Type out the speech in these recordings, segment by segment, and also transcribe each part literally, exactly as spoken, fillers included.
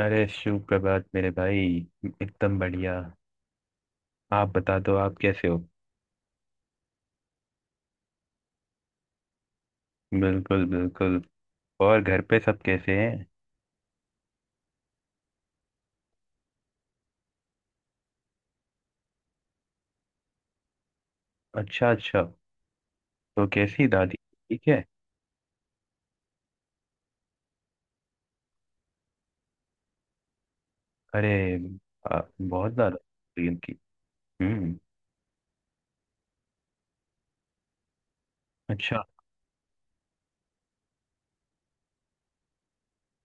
अरे सुप्रभात मेरे भाई। एकदम बढ़िया। आप बता दो आप कैसे हो? बिल्कुल बिल्कुल। और घर पे सब कैसे हैं? अच्छा अच्छा, तो कैसी दादी? ठीक है। अरे आ, बहुत ज्यादा हुई उनकी। हम्म। अच्छा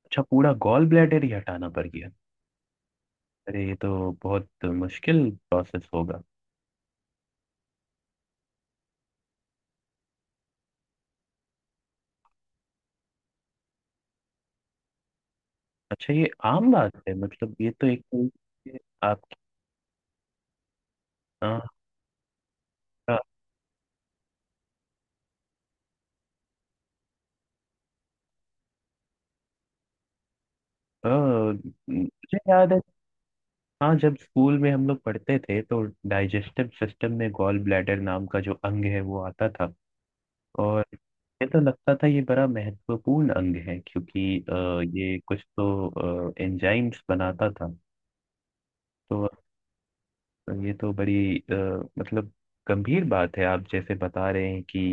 अच्छा, पूरा गॉल ब्लैडर ही हटाना पड़ गया? अरे ये तो बहुत मुश्किल प्रोसेस होगा। अच्छा ये आम बात है? मतलब ये तो एक आपकी, हाँ, हाँ, हाँ। मुझे याद है, हाँ, जब स्कूल में हम लोग पढ़ते थे तो डाइजेस्टिव सिस्टम में गॉल ब्लैडर नाम का जो अंग है वो आता था। और ये तो लगता था ये बड़ा महत्वपूर्ण अंग है क्योंकि अ, ये कुछ तो एंजाइम्स बनाता था। तो ये तो बड़ी अ, मतलब गंभीर बात है। आप जैसे बता रहे हैं कि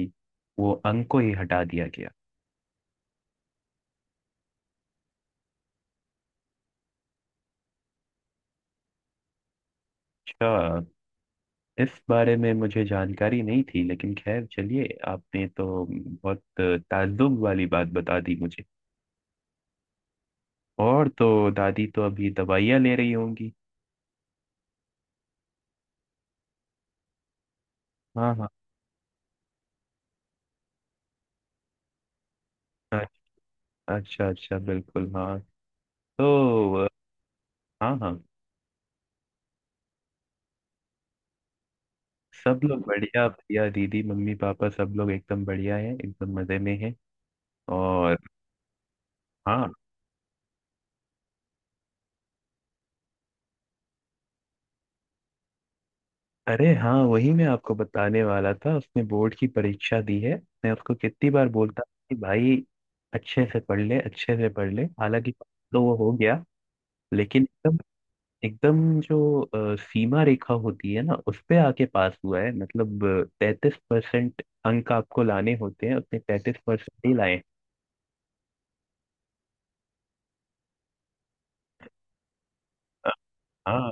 वो अंग को ही हटा दिया गया। अच्छा, इस बारे में मुझे जानकारी नहीं थी, लेकिन खैर चलिए, आपने तो बहुत ताज्जुब वाली बात बता दी मुझे। और तो दादी तो अभी दवाइयाँ ले रही होंगी। हाँ हाँ। अच्छा अच्छा अच्छा, बिल्कुल हाँ। तो अ, हाँ हाँ। सब लोग बढ़िया, भैया दीदी मम्मी पापा सब लोग एकदम बढ़िया है, एकदम मज़े में है। और हाँ, अरे हाँ, वही मैं आपको बताने वाला था, उसने बोर्ड की परीक्षा दी है। मैं उसको कितनी बार बोलता हूँ कि भाई अच्छे से पढ़ ले, अच्छे से पढ़ ले। हालांकि तो वो हो गया, लेकिन एकदम एकदम जो अ, सीमा रेखा होती है ना उस पे आके पास हुआ है। मतलब तैतीस परसेंट अंक आपको लाने होते हैं, उसने तैतीस परसेंट ही लाए। अ, हाँ।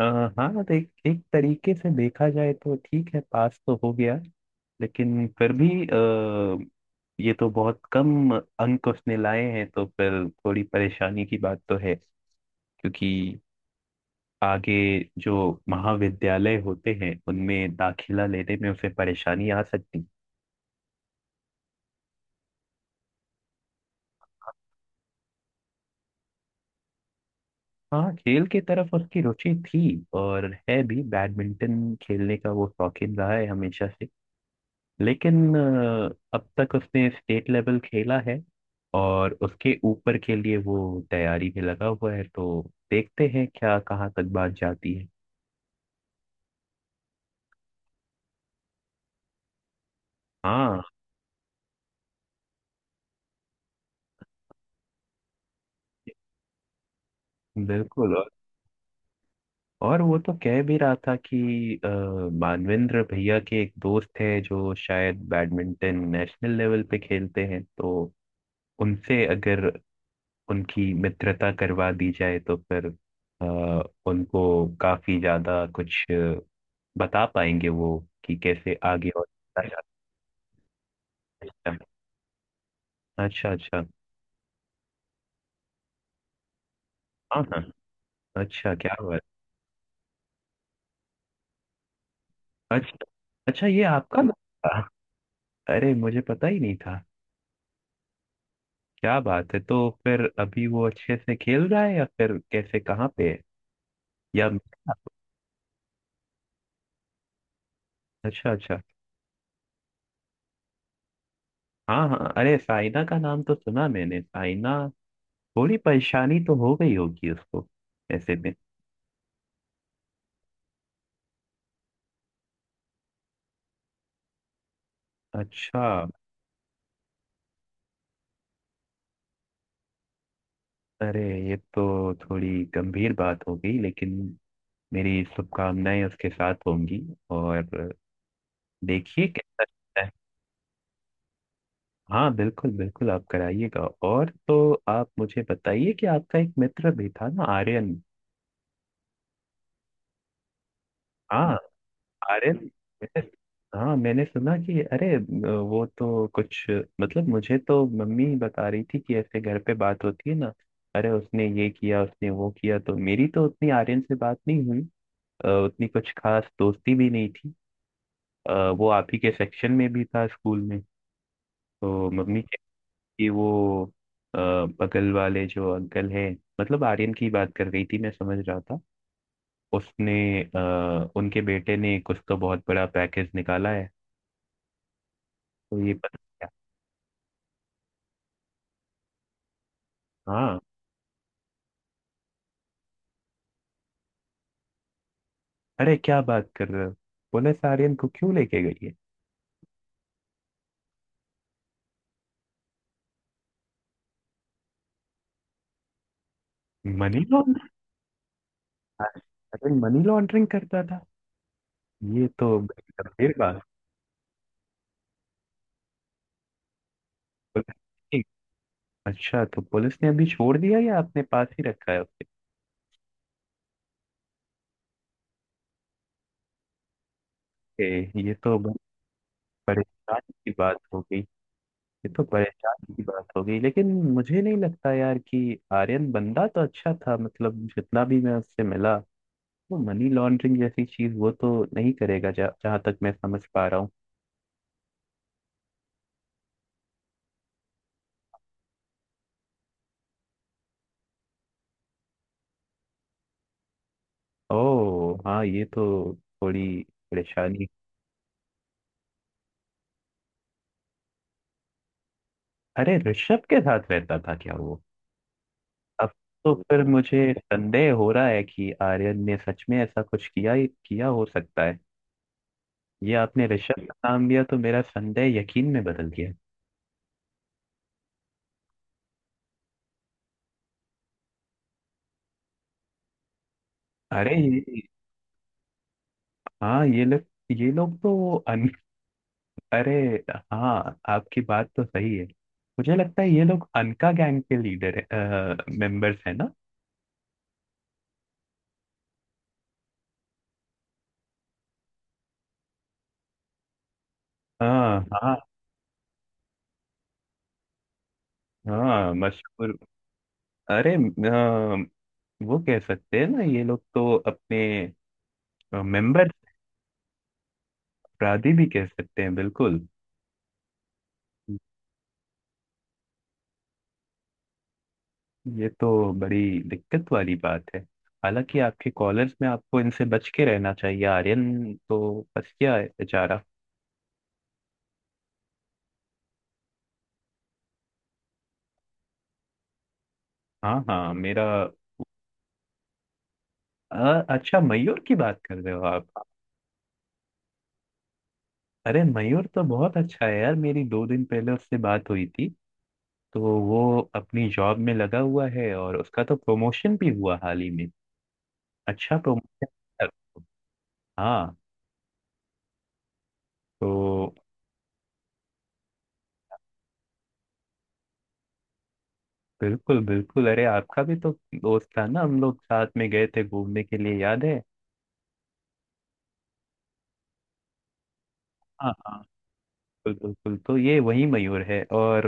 अ, हाँ तो एक, एक तरीके से देखा जाए तो ठीक है, पास तो हो गया। लेकिन फिर भी अ, ये तो बहुत कम अंक उसने लाए हैं, तो फिर थोड़ी परेशानी की बात तो है। क्योंकि आगे जो महाविद्यालय होते हैं उनमें दाखिला लेने में उसे परेशानी आ सकती। हाँ, खेल की तरफ उसकी रुचि थी, और है भी। बैडमिंटन खेलने का वो शौकीन रहा है हमेशा से। लेकिन अ, अब तक उसने स्टेट लेवल खेला है, और उसके ऊपर के लिए वो तैयारी में लगा हुआ है। तो देखते हैं क्या, कहाँ तक बात जाती है। हाँ, बिल्कुल। और और वो तो कह भी रहा था कि अ, मानवेंद्र भैया के एक दोस्त है जो शायद बैडमिंटन नेशनल लेवल पे खेलते हैं, तो उनसे अगर उनकी मित्रता करवा दी जाए तो फिर आ, उनको काफी ज्यादा कुछ अ, बता पाएंगे वो, कि कैसे आगे और। अच्छा अच्छा अच्छा। हाँ हाँ, अच्छा क्या बात। अच्छा अच्छा, ये आपका दोस्त था? अरे मुझे पता ही नहीं था। क्या बात है, तो फिर अभी वो अच्छे से खेल रहा है या फिर कैसे, कहाँ पे है? या अच्छा अच्छा। हाँ हाँ, अरे साइना का नाम तो सुना मैंने, साइना। थोड़ी परेशानी तो हो गई होगी उसको ऐसे में। अच्छा। अरे ये तो थोड़ी गंभीर बात हो गई, लेकिन मेरी शुभकामनाएं उसके साथ होंगी। और देखिए कैसा रहता है। हाँ, बिल्कुल बिल्कुल, आप कराइएगा। और तो आप मुझे बताइए कि आपका एक मित्र भी था ना, आर्यन। हाँ, आर्यन। मैंने- हाँ, मैंने सुना कि अरे वो तो कुछ, मतलब मुझे तो मम्मी बता रही थी, कि ऐसे घर पे बात होती है ना, अरे उसने ये किया उसने वो किया। तो मेरी तो उतनी आर्यन से बात नहीं हुई। अ, उतनी कुछ खास दोस्ती भी नहीं थी। अ, वो आप ही के सेक्शन में भी था स्कूल में, तो मम्मी की वो अ, बगल वाले जो अंकल हैं, मतलब आर्यन की बात कर रही थी मैं समझ रहा था। उसने अ, उनके बेटे ने कुछ तो बहुत बड़ा पैकेज निकाला है। तो ये पता क्या? हाँ। अरे क्या बात कर रहे हो? पुलिस आर्यन को क्यों लेके गई है? Money laundering? अरे मनी लॉन्ड्रिंग करता था? ये तो बड़ी गंभीर बात। अच्छा, तो पुलिस ने अभी छोड़ दिया या अपने पास ही रखा है उसे? ए, ये तो बड़ी परेशान की बात हो गई। ये तो परेशान की बात हो गई। लेकिन मुझे नहीं लगता यार कि आर्यन, बंदा तो अच्छा था, मतलब जितना भी मैं उससे मिला, वो मनी लॉन्ड्रिंग जैसी चीज वो तो नहीं करेगा, जा, जहां तक मैं समझ पा रहा हूँ। ओ हाँ, ये तो थोड़ी परेशानी। अरे ऋषभ के साथ रहता था क्या वो? अब तो फिर मुझे संदेह हो रहा है कि आर्यन ने सच में ऐसा कुछ किया किया हो सकता है। ये आपने रिश्वत का नाम लिया तो मेरा संदेह यकीन में बदल गया। अरे ये, हाँ ये लोग, ये लोग तो अन अरे, हाँ, आपकी बात तो सही है। मुझे लगता है ये लोग अनका गैंग के लीडर है, मेंबर्स है ना। हाँ हाँ। हाँ, मशहूर। अरे अ, वो कह सकते हैं ना, ये लोग तो अपने मेंबर्स, अपराधी भी कह सकते हैं बिल्कुल। ये तो बड़ी दिक्कत वाली बात है। हालांकि आपके कॉलर्स में आपको इनसे बच के रहना चाहिए, आर्यन तो बच गया है बेचारा। हाँ हाँ, मेरा अ, अच्छा, मयूर की बात कर रहे हो आप? अरे मयूर तो बहुत अच्छा है यार, मेरी दो दिन पहले उससे बात हुई थी। तो वो अपनी जॉब में लगा हुआ है, और उसका तो प्रमोशन भी हुआ हाल ही में। अच्छा, प्रमोशन। हाँ, तो बिल्कुल बिल्कुल, अरे आपका भी तो दोस्त था ना, हम लोग साथ में गए थे घूमने के लिए, याद है? हाँ, बिल्कुल बिल्कुल, तो ये वही मयूर है। और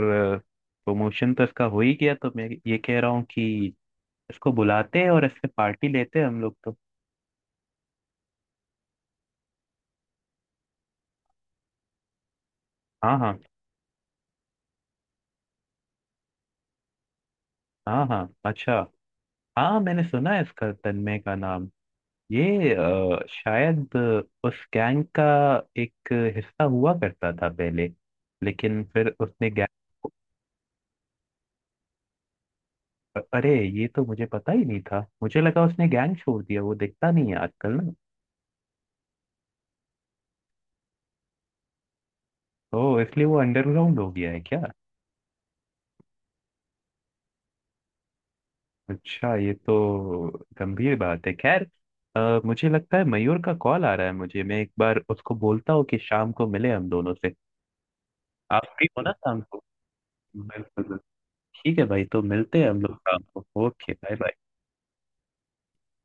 प्रमोशन तो इसका हो ही गया, तो मैं ये कह रहा हूँ कि इसको बुलाते हैं और इससे पार्टी लेते हैं हम लोग तो। हाँ हाँ हाँ हाँ। अच्छा, हाँ, मैंने सुना है इसका, तन्मय का नाम। ये अ, शायद उस गैंग का एक हिस्सा हुआ करता था पहले, लेकिन फिर उसने गैंग, अरे ये तो मुझे पता ही नहीं था, मुझे लगा उसने गैंग छोड़ दिया, वो दिखता नहीं है आजकल ना। तो इसलिए वो अंडरग्राउंड हो गया है क्या? अच्छा, ये तो गंभीर बात है। खैर अ, मुझे लगता है मयूर का कॉल आ रहा है मुझे। मैं एक बार उसको बोलता हूँ कि शाम को मिले हम दोनों से। आप फ्री हो ना शाम को? बिल्कुल बिल्कुल। ठीक है भाई, तो मिलते हैं हम लोग शाम को। Okay, bye bye.